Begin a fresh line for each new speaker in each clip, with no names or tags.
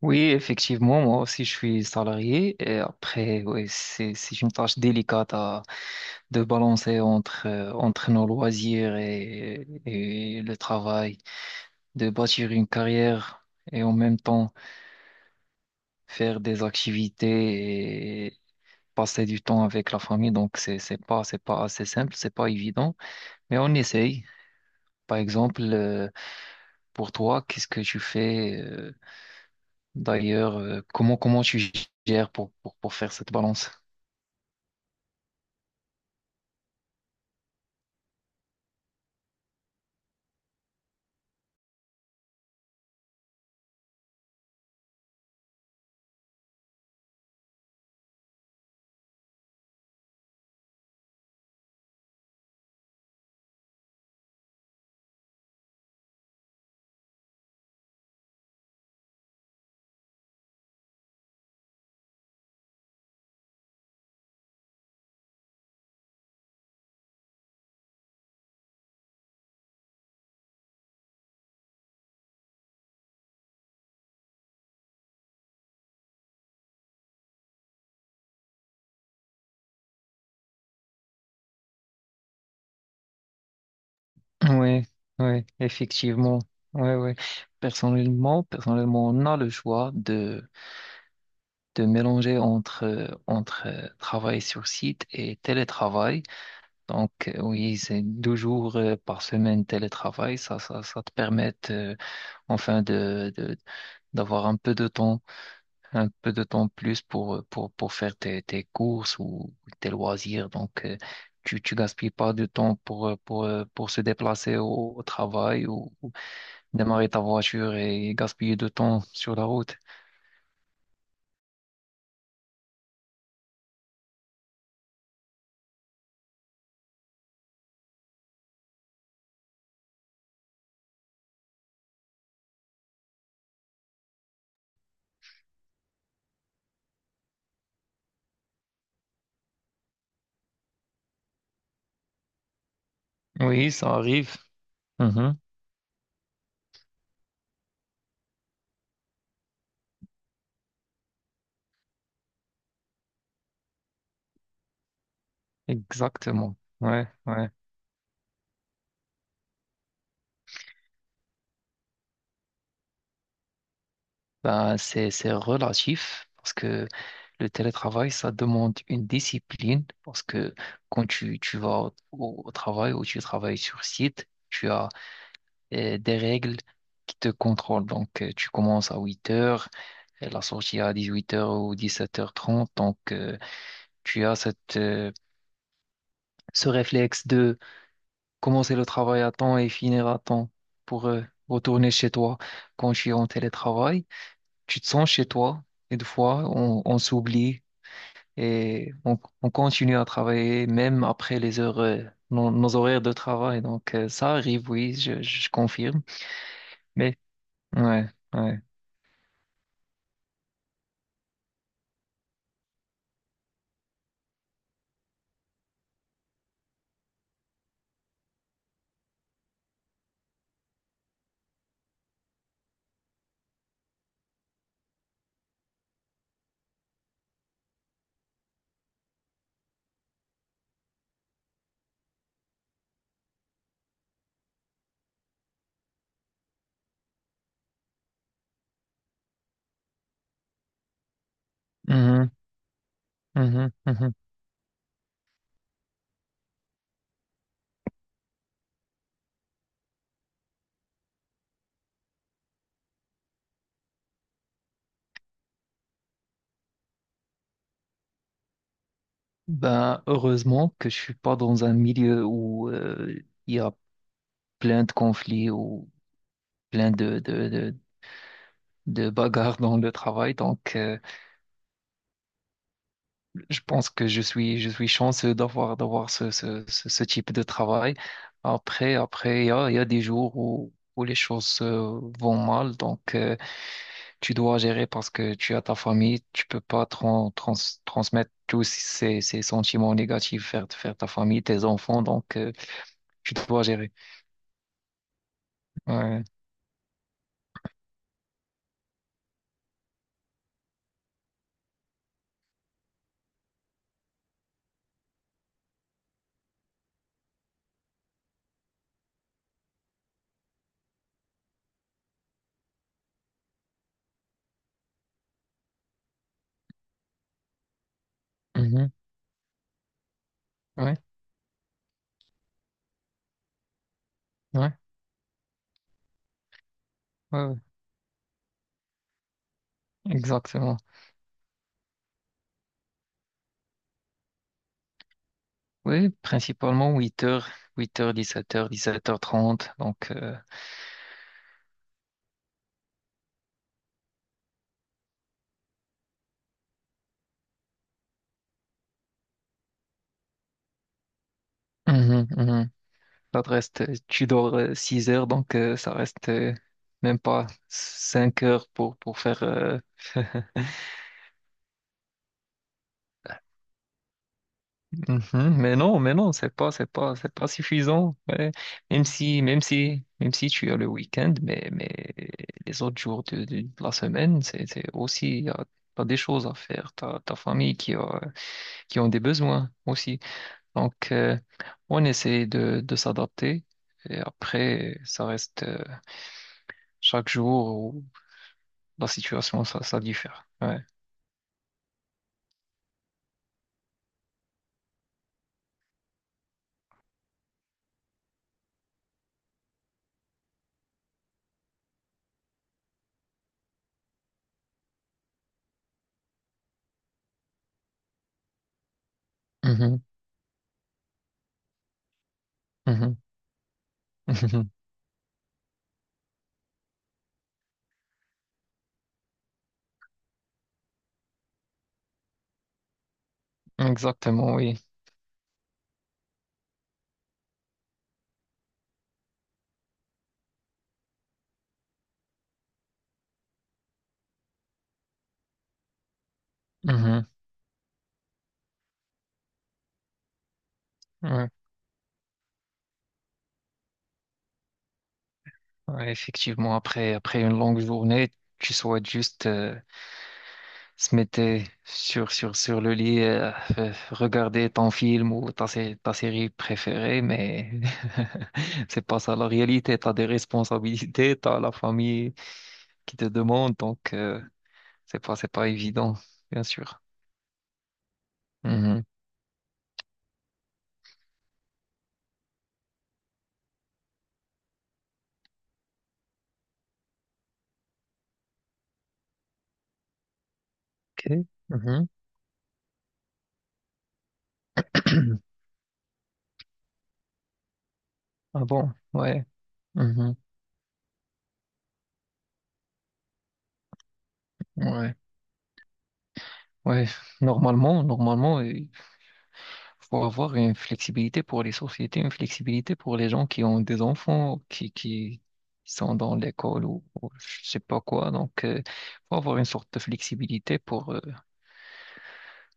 Oui, effectivement, moi aussi je suis salarié. Et après, oui, c'est une tâche délicate de balancer entre, entre nos loisirs et le travail, de bâtir une carrière et en même temps faire des activités et passer du temps avec la famille. Donc c'est pas assez simple, c'est pas évident, mais on essaye. Par exemple, pour toi, qu'est-ce que tu fais, d'ailleurs, comment tu gères pour, pour faire cette balance? Oui, oui, effectivement. Oui, oui. Personnellement, on a le choix de mélanger entre, entre travail sur site et télétravail. Donc, oui, c'est 2 jours par semaine télétravail. Ça te permet, enfin, d'avoir un peu de temps, un peu de temps plus pour, pour faire tes courses ou tes loisirs. Donc, tu gaspilles pas de temps pour se déplacer au travail ou démarrer ta voiture et gaspiller de temps sur la route. Oui, ça arrive. Mhm, exactement. Ouais, ouais. Ben, c'est relatif parce que le télétravail, ça demande une discipline parce que quand tu vas au travail ou tu travailles sur site, tu as des règles qui te contrôlent. Donc, tu commences à 8h, et la sortie à 18h ou 17h30. Donc, tu as cette, ce réflexe de commencer le travail à temps et finir à temps pour retourner chez toi. Quand je suis en télétravail, tu te sens chez toi et des fois on s'oublie et on continue à travailler même après les heures, nos horaires de travail. Donc, ça arrive, oui, je confirme. Mais ouais, ouais. Mhm, mhm, mhm. Ben, heureusement que je suis pas dans un milieu où il y a plein de conflits ou plein de bagarres dans le travail. Donc, je pense que je suis chanceux d'avoir ce type de travail. Après, il y a des jours où les choses, vont mal, donc, tu dois gérer parce que tu as ta famille, tu peux pas transmettre tous ces sentiments négatifs vers ta famille, tes enfants, donc, tu dois gérer. Ouais. Mhm. Ouais, ouais, ouais, ouais. Exactement. Oui, principalement 8h, 8 8h, 17h, 17h30, donc, mhm, mhm. Ça te reste, tu dors, 6 heures, donc, ça reste, même pas 5 heures pour, faire. Mhm. Mais non, c'est pas suffisant. Ouais. Même si, même si, même si tu as le week-end, mais les autres jours de la semaine, c'est aussi, t'as des choses à faire. T'as ta famille qui a, qui ont des besoins aussi. Donc, on essaie de s'adapter. Et après, ça reste, chaque jour. La situation, ça diffère. Ouais. Mhm, mhm, mhm. Exactement, oui. Mhm, ouais. Ouais, effectivement, après une longue journée, tu souhaites juste, se mettre sur le lit, regarder ton film ou ta série préférée, mais c'est pas ça la réalité. Tu as des responsabilités, tu as la famille qui te demande, donc, c'est pas évident, bien sûr. Mhm. Ok. Mhm. Ah bon, ouais. Mhm. Ouais. Ouais, normalement, il faut avoir une flexibilité pour les sociétés, une flexibilité pour les gens qui ont des enfants, qui sont dans l'école ou je sais pas quoi. Donc, il faut avoir une sorte de flexibilité pour, euh,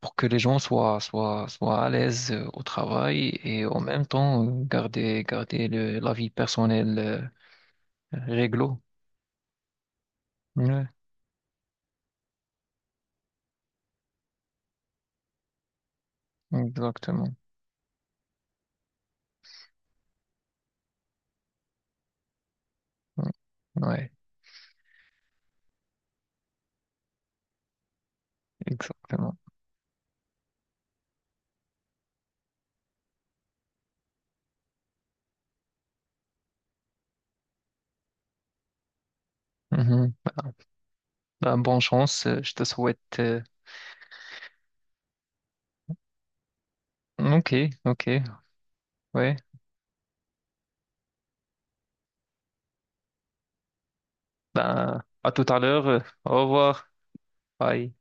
pour que les gens soient à l'aise, au travail et en même temps, garder le, la vie personnelle, réglo. Ouais, exactement. Ouais, ouais, exactement. Mhm. Ben, bonne chance, je te souhaite. Ok, ok. Ouais. Ben, à tout à l'heure. Au revoir. Bye.